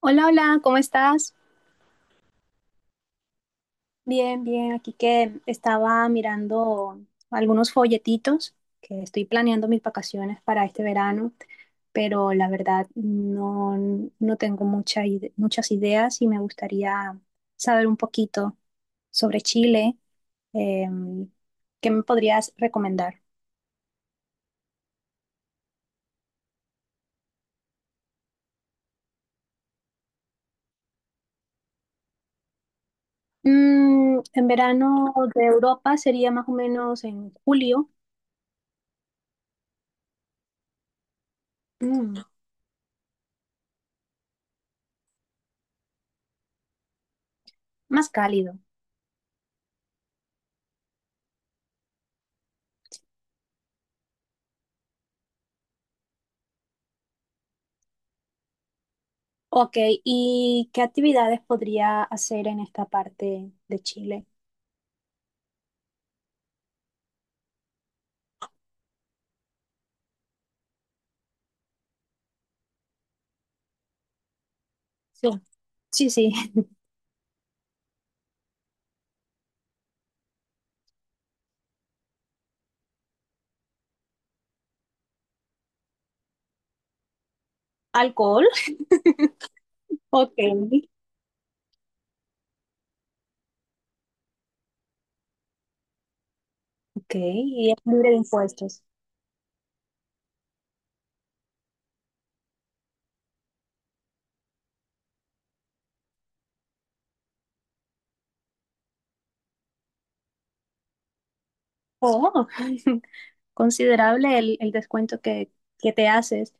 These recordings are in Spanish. Hola, hola, ¿cómo estás? Bien, bien, aquí que estaba mirando algunos folletitos que estoy planeando mis vacaciones para este verano, pero la verdad no, no tengo muchas ideas y me gustaría saber un poquito sobre Chile. Em, ¿Qué me podrías recomendar? En verano de Europa sería más o menos en julio. Mm, más cálido. Ok, ¿y qué actividades podría hacer en esta parte de Chile? Sí, sí, sí. Alcohol. Ok, ok, y es libre de impuestos. Oh, considerable el descuento que te haces.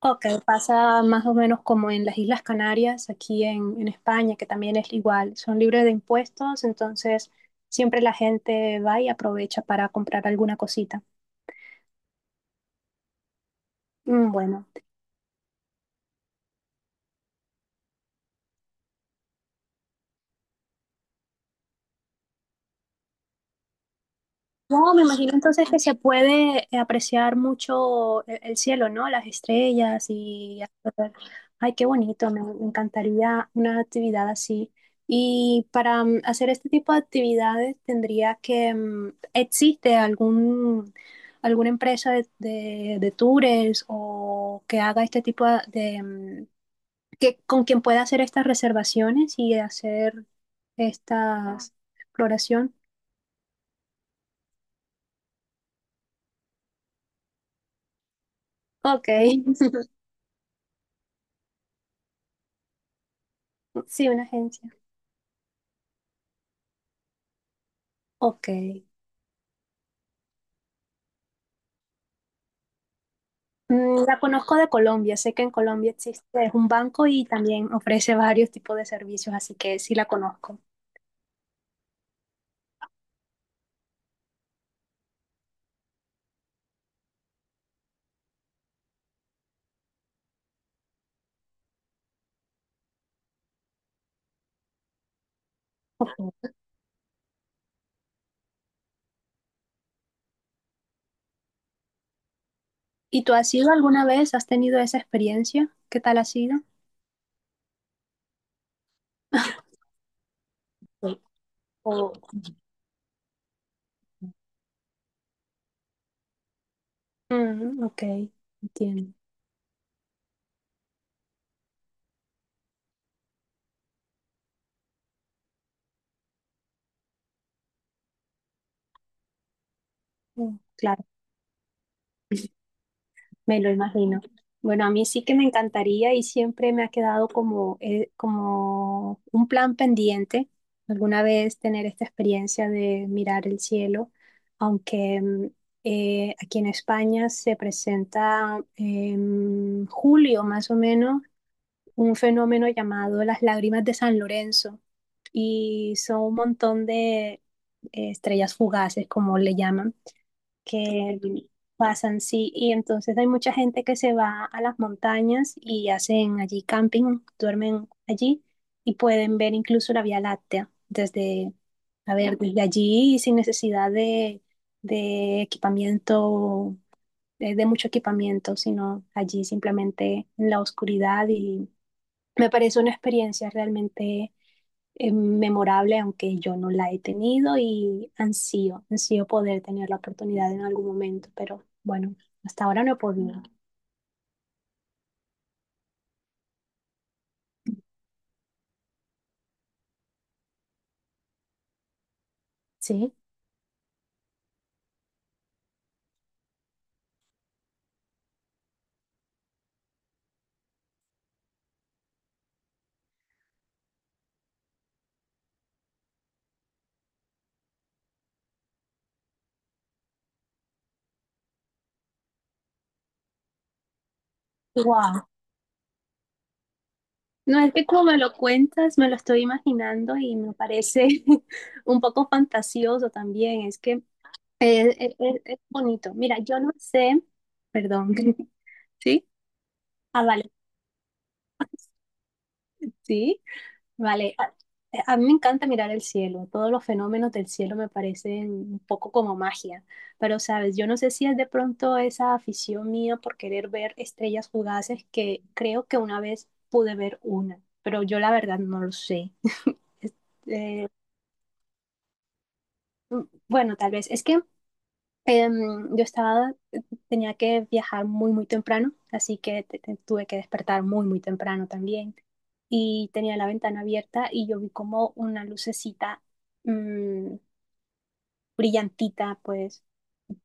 Ok, pasa más o menos como en las Islas Canarias, aquí en España, que también es igual, son libres de impuestos, entonces siempre la gente va y aprovecha para comprar alguna cosita. Mm. Bueno. Wow, me imagino entonces que se puede apreciar mucho el cielo, ¿no? Las estrellas y... Ay, qué bonito, me encantaría una actividad así. Y para hacer este tipo de actividades tendría que... ¿Existe alguna empresa de tours o que haga este tipo de... con quien pueda hacer estas reservaciones y hacer esta exploración? Ok, sí, una agencia. Ok. La conozco de Colombia. Sé que en Colombia existe es un banco y también ofrece varios tipos de servicios, así que sí la conozco. ¿Y tú has ido alguna vez? ¿Has tenido esa experiencia? ¿Qué tal ha sido? Sí. O- Mm, ok, entiendo. Mm, claro. Me lo imagino. Bueno, a mí sí que me encantaría y siempre me ha quedado como, como un plan pendiente alguna vez tener esta experiencia de mirar el cielo, aunque aquí en España se presenta en julio más o menos un fenómeno llamado las lágrimas de San Lorenzo y son un montón de estrellas fugaces, como le llaman, que pasan, sí, y entonces hay mucha gente que se va a las montañas y hacen allí camping, duermen allí y pueden ver incluso la Vía Láctea desde, a ver, desde allí y sin necesidad de, equipamiento, de mucho equipamiento, sino allí simplemente en la oscuridad y me parece una experiencia realmente memorable, aunque yo no la he tenido y ansío, ansío poder tener la oportunidad en algún momento, pero bueno, hasta ahora no he podido. Sí, wow. No es que como me lo cuentas, me lo estoy imaginando y me parece un poco fantasioso también. Es que es bonito. Mira, yo no sé, perdón, ¿sí? Ah, vale, sí. Vale, a mí me encanta mirar el cielo, todos los fenómenos del cielo me parecen un poco como magia, pero sabes, yo no sé si es de pronto esa afición mía por querer ver estrellas fugaces que creo que una vez pude ver una, pero yo la verdad no lo sé. Eh, mm, bueno, tal vez es que yo estaba, tenía que viajar muy, muy temprano, así que tuve que despertar muy, muy temprano también. Y tenía la ventana abierta y yo vi como una lucecita mm, brillantita, pues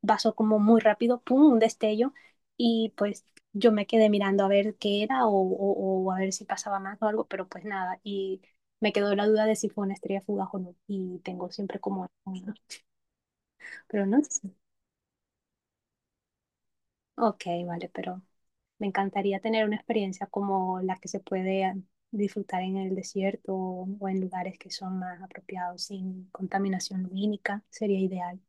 pasó como muy rápido, pum, un destello. Y pues yo me quedé mirando a ver qué era o a ver si pasaba más o algo, pero pues nada. Y me quedó la duda de si fue una estrella fugaz o no. Y tengo siempre como, pero no. Ok, vale, pero me encantaría tener una experiencia como la que se puede disfrutar en el desierto o en lugares que son más apropiados sin contaminación lumínica, sería ideal.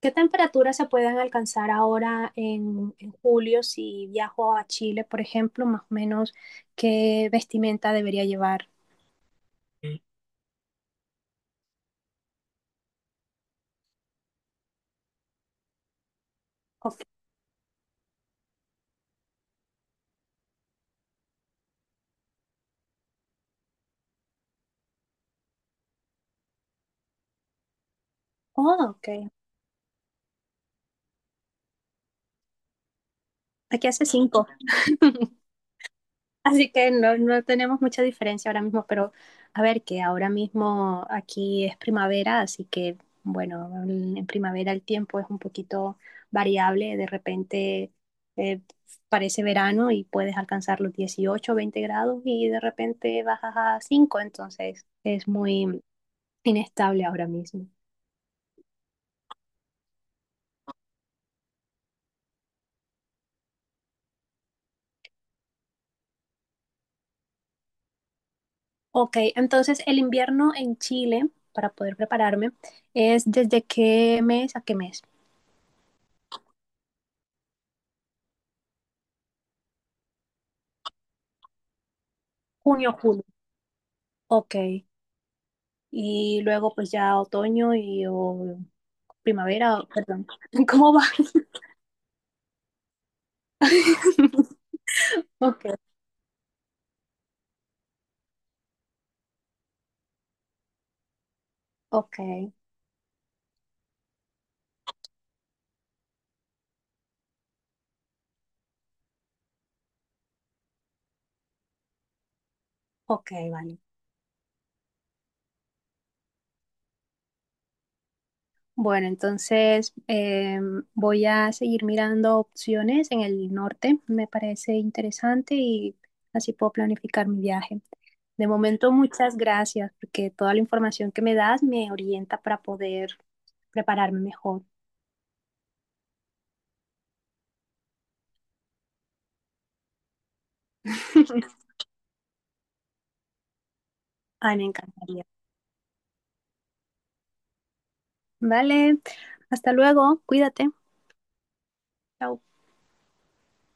¿Qué temperaturas se pueden alcanzar ahora en julio si viajo a Chile, por ejemplo? Más o menos, ¿qué vestimenta debería llevar? Ok. Oh, ok. Aquí hace 5. Así que no, no tenemos mucha diferencia ahora mismo, pero a ver que ahora mismo aquí es primavera, así que bueno, en primavera el tiempo es un poquito variable, de repente eh, parece verano y puedes alcanzar los 18, 20 grados y de repente bajas a 5, entonces es muy inestable ahora mismo. Ok, entonces el invierno en Chile, para poder prepararme, ¿es desde qué mes a qué mes? Junio, julio. Ok. Y luego pues ya otoño o primavera, perdón. ¿Cómo va? Ok, ok, ok, vale. Bueno, entonces voy a seguir mirando opciones en el norte. Me parece interesante y así puedo planificar mi viaje. De momento, muchas gracias porque toda la información que me das me orienta para poder prepararme mejor. Ay, me encantaría. Vale, hasta luego, cuídate. Chao.